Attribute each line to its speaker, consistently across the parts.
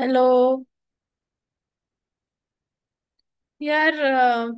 Speaker 1: Hello यार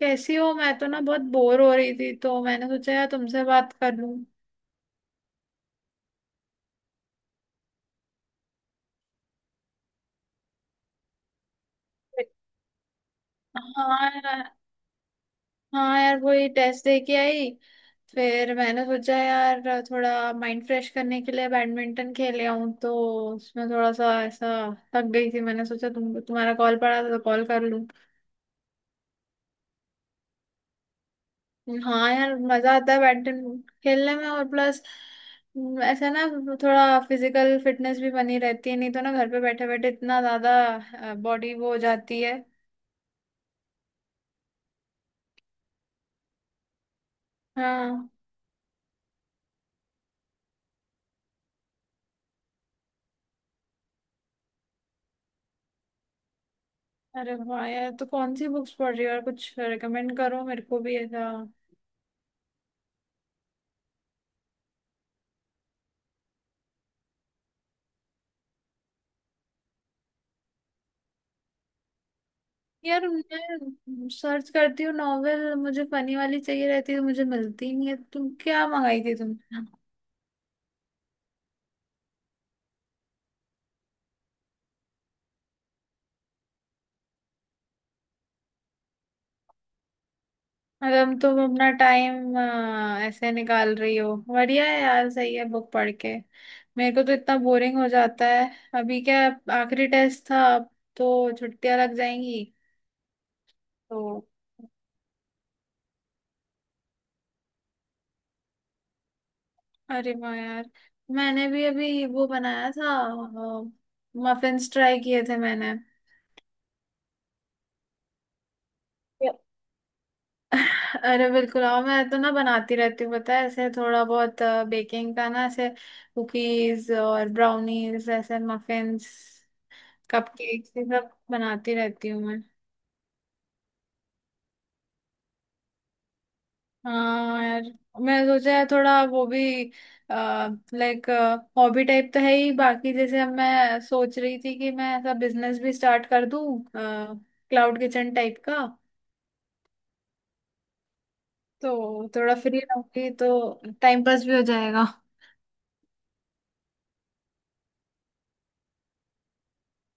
Speaker 1: कैसी हो। मैं तो ना बहुत बोर हो रही थी, तो मैंने सोचा यार तुमसे बात कर लूं। हाँ यार। हाँ यार, वही टेस्ट दे के आई। फिर मैंने सोचा यार, थोड़ा माइंड फ्रेश करने के लिए बैडमिंटन खेले आऊं। तो उसमें थोड़ा सा ऐसा थक गई थी। मैंने सोचा तुम्हारा कॉल पड़ा था तो कॉल कर लूं। हाँ यार, मजा आता है बैडमिंटन खेलने में। और प्लस ऐसा ना, थोड़ा फिजिकल फिटनेस भी बनी रहती है। नहीं तो ना घर पे बैठे बैठे इतना ज्यादा बॉडी वो हो जाती है। हाँ। अरे वाह यार, तो कौन सी बुक्स पढ़ रही हो? और कुछ रिकमेंड करो मेरे को भी ऐसा। यार, मैं सर्च करती हूँ नॉवेल। मुझे फनी वाली चाहिए रहती है, तो मुझे मिलती ही नहीं है। तुम क्या मंगाई थी तुम? और अब तुम अपना टाइम ऐसे निकाल रही हो, बढ़िया है यार, सही है बुक पढ़ के। मेरे को तो इतना बोरिंग हो जाता है। अभी क्या, आखिरी टेस्ट था। अब तो छुट्टियां लग जाएंगी तो। अरे वाह यार, मैंने भी अभी वो बनाया था। मफिन्स ट्राई किए थे मैंने। Yeah. अरे बिल्कुल आओ। मैं तो ना बनाती रहती हूँ पता है, ऐसे थोड़ा बहुत बेकिंग का ना ऐसे। कुकीज और ब्राउनीज, ऐसे मफिन्स, कपकेक्स, ये सब बनाती रहती हूँ मैं। हाँ यार, मैं सोचा है थोड़ा वो भी, लाइक हॉबी टाइप तो है ही। बाकी जैसे अब मैं सोच रही थी कि मैं ऐसा बिजनेस भी स्टार्ट कर दूँ, क्लाउड किचन टाइप का। तो थोड़ा फ्री रहूंगी तो टाइम पास भी हो जाएगा।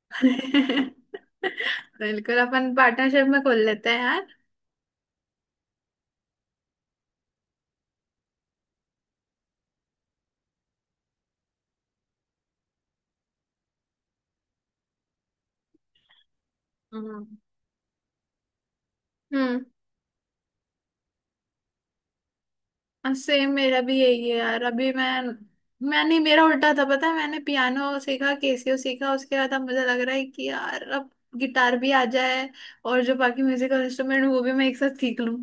Speaker 1: बिल्कुल, अपन पार्टनरशिप में खोल लेते हैं यार। हम्म हम्म। सेम मेरा भी यही है यार। अभी मैं, मैंने, मेरा उल्टा था पता है। मैंने पियानो सीखा, केसियो सीखा, उसके बाद अब मुझे लग रहा है कि यार अब गिटार भी आ जाए और जो बाकी म्यूजिकल इंस्ट्रूमेंट, वो भी मैं एक साथ सीख लूं।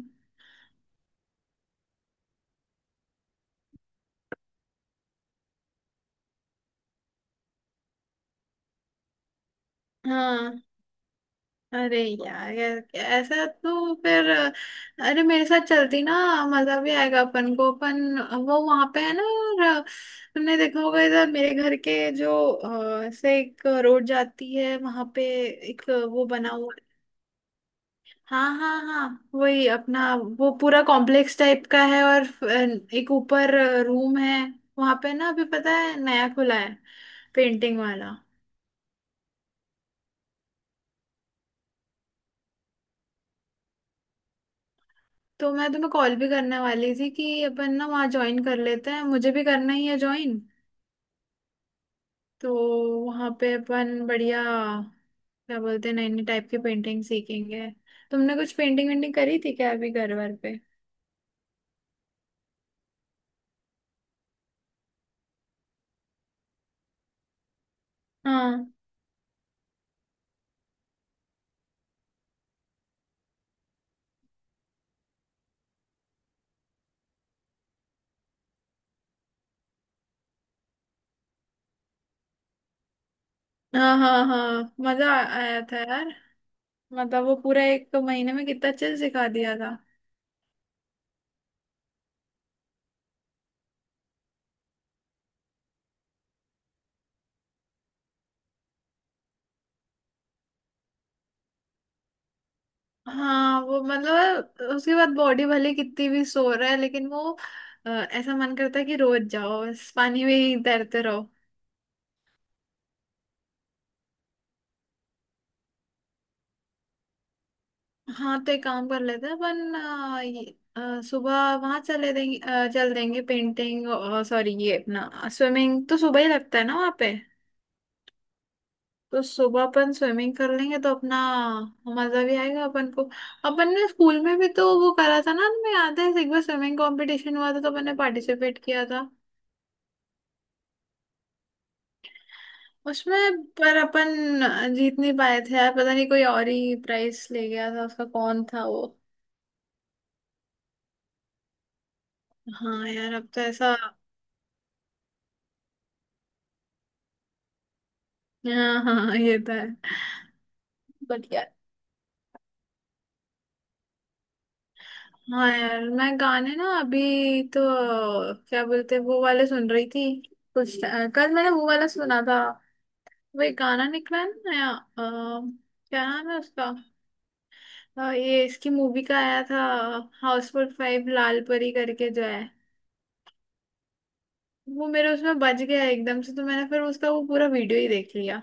Speaker 1: हाँ। अरे यार यार, ऐसा तो फिर, अरे मेरे साथ चलती ना, मजा भी आएगा अपन को। अपन वो वहां पे है ना। और तुमने देखा होगा इधर मेरे घर के जो ऐसे एक रोड जाती है, वहां पे एक वो बना हुआ। हाँ हाँ हाँ, वही अपना वो पूरा कॉम्प्लेक्स टाइप का है। और एक ऊपर रूम है, वहां पे ना अभी पता है नया खुला है, पेंटिंग वाला। तो मैं तुम्हें कॉल भी करने वाली थी कि अपन ना वहाँ ज्वाइन कर लेते हैं। मुझे भी करना ही है ज्वाइन। तो वहाँ पे अपन बढ़िया, क्या बोलते हैं, नई नई टाइप की पेंटिंग सीखेंगे। तुमने कुछ पेंटिंग वेंटिंग करी थी क्या अभी घर वर पे? हाँ हाँ हाँ हाँ, मजा आया था यार। मतलब वो पूरा एक महीने में कितना अच्छे से सिखा दिया था। हाँ वो मतलब उसके बाद बॉडी भले कितनी भी सो रहा है, लेकिन वो ऐसा मन करता है कि रोज जाओ, इस पानी में ही तैरते रहो। हाँ तो एक काम कर लेते हैं अपन ये, सुबह वहां चल देंगे पेंटिंग। सॉरी, ये अपना स्विमिंग तो सुबह ही लगता है ना वहाँ पे। तो सुबह अपन स्विमिंग कर लेंगे, तो अपना मजा भी आएगा अपन को। अपन ने स्कूल में भी तो वो करा था ना, तुम्हें याद है? एक बार स्विमिंग कंपटीशन हुआ था, तो अपन ने पार्टिसिपेट किया था। उसमें पर अपन जीत नहीं पाए थे यार। पता नहीं कोई और ही प्राइस ले गया था उसका, कौन था वो। हाँ यार, अब तो ऐसा। हाँ हाँ हाँ, ये तो है। बट यार, हाँ यार मैं गाने ना अभी तो, क्या बोलते हैं, वो वाले सुन रही थी कुछ। कल मैंने वो वाला सुना था, वही गाना निकला है ना नया। क्या नाम है उसका। ये इसकी मूवी का आया था, हाउसफुल 5। लाल परी करके जो है, वो मेरे उसमें बज गया एकदम से। तो मैंने फिर उसका वो पूरा वीडियो ही देख लिया।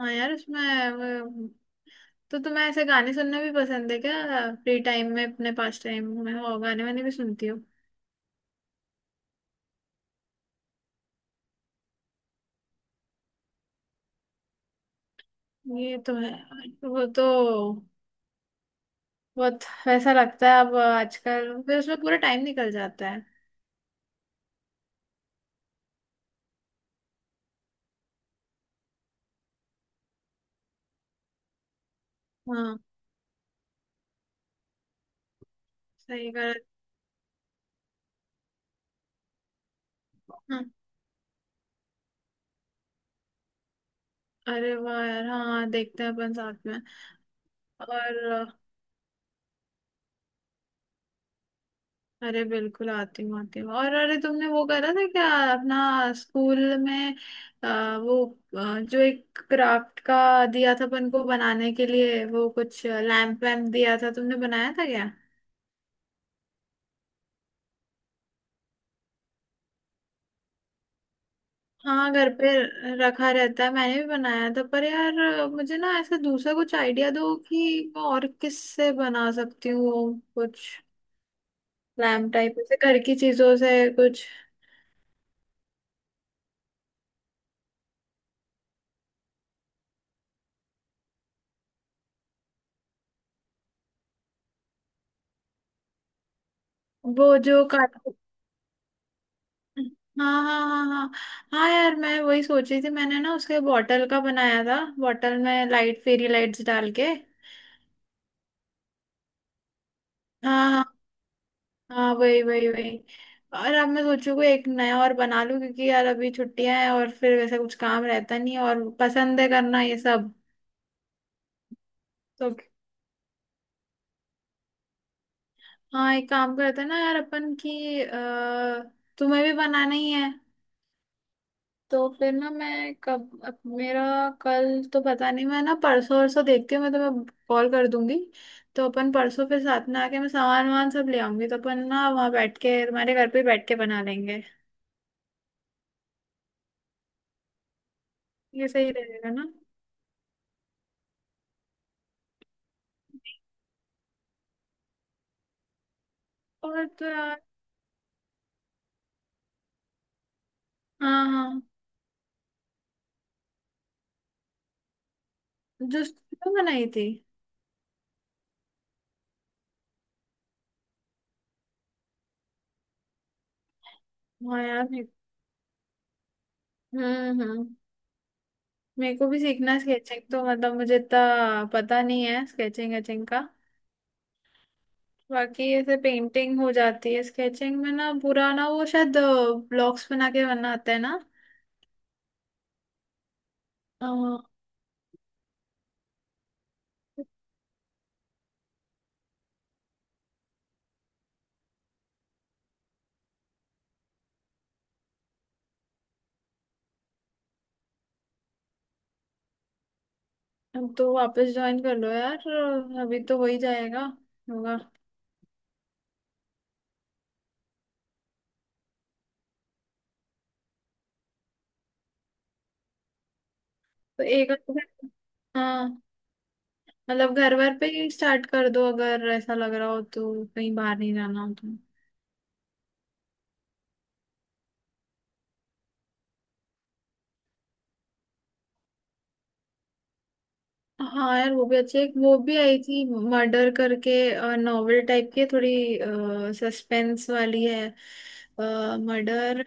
Speaker 1: हाँ यार, उसमें वो- तो तुम्हें ऐसे गाने सुनना भी पसंद है क्या? फ्री टाइम में अपने पास टाइम में और गाने वाने भी सुनती हो? ये तो है। वो तो बहुत वैसा लगता है अब आजकल। फिर उसमें पूरा टाइम निकल जाता है। हाँ, सही कर। हाँ अरे वाह यार, हाँ देखते हैं अपन साथ में। और अरे बिल्कुल, आती हूँ आती हूँ। और अरे तुमने वो करा था क्या अपना, स्कूल में अ, वो जो एक क्राफ्ट का दिया था अपन को बनाने के लिए, वो कुछ लैम्प वैम्प दिया था, तुमने बनाया था क्या? हाँ घर पे रखा रहता है। मैंने भी बनाया था, पर यार मुझे ना ऐसा दूसरा कुछ आइडिया दो कि मैं और किससे बना सकती हूँ वो कुछ लैम्प टाइप, ऐसे घर की चीजों से कुछ। वो जो काट। हाँ हाँ हाँ हाँ। हाँ यार, मैं वही सोच रही थी। मैंने ना उसके बॉटल का बनाया था, बॉटल में लाइट, फेरी लाइट्स डाल के। हाँ हाँ हाँ, वही वही वही। और अब मैं सोचू कोई एक नया और बना लूं, क्योंकि यार अभी छुट्टियां हैं और फिर वैसे कुछ काम रहता नहीं है, और पसंद है करना ये सब। तो हाँ, एक काम करते हैं ना यार। अपन की तुम्हें भी बनाना ही है, तो फिर ना मैं कब, अब मेरा कल तो पता नहीं, मैं ना परसों वरसों देखती हूँ, मैं तुम्हें कॉल कर दूंगी। तो अपन परसों फिर साथ में, आके मैं सामान वामान सब ले आऊंगी, तो अपन ना वहाँ बैठ के तुम्हारे घर पे बैठ के बना लेंगे। ये सही रहेगा ना। और तो यार, हाँ हाँ, जो स्केचिंग बनाई थी। हाँ यार हम्म। मेरे को भी सीखना है स्केचिंग। तो मतलब मुझे इतना पता नहीं है स्केचिंग वेचिंग का। बाकी ऐसे पेंटिंग हो जाती है। स्केचिंग में ना पूरा ना, वो शायद ब्लॉक्स बना के बनाते हैं ना। अ, अब तो वापस ज्वाइन कर लो यार। अभी तो वही जाएगा, होगा। तो एक अच्छा- हाँ मतलब घर वर पे ही स्टार्ट कर दो अगर ऐसा लग रहा हो, तो कहीं बाहर नहीं जाना हो तो। हाँ यार, वो भी अच्छी है। एक वो भी आई थी, मर्डर करके, नॉवेल टाइप की है, थोड़ी सस्पेंस वाली है, मर्डर।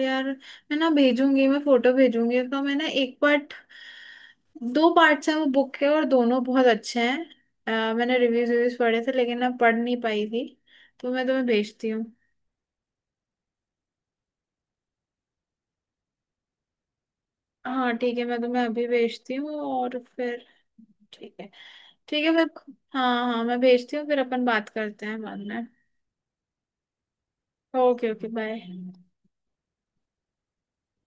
Speaker 1: यार मैं ना भेजूंगी, मैं फोटो भेजूंगी। तो मैंने एक पार्ट, दो पार्ट्स हैं वो बुक के और दोनों बहुत अच्छे हैं। मैंने रिव्यूज रिव्यूज पढ़े थे, लेकिन मैं पढ़ नहीं पाई थी। तो मैं तुम्हें भेजती हूँ। हाँ ठीक है, मैं तुम्हें अभी भेजती हूँ और फिर, ठीक है। ठीक है फिर। हाँ हाँ, मैं भेजती हूँ फिर अपन बात करते हैं बाद में। ओके। Okay bye.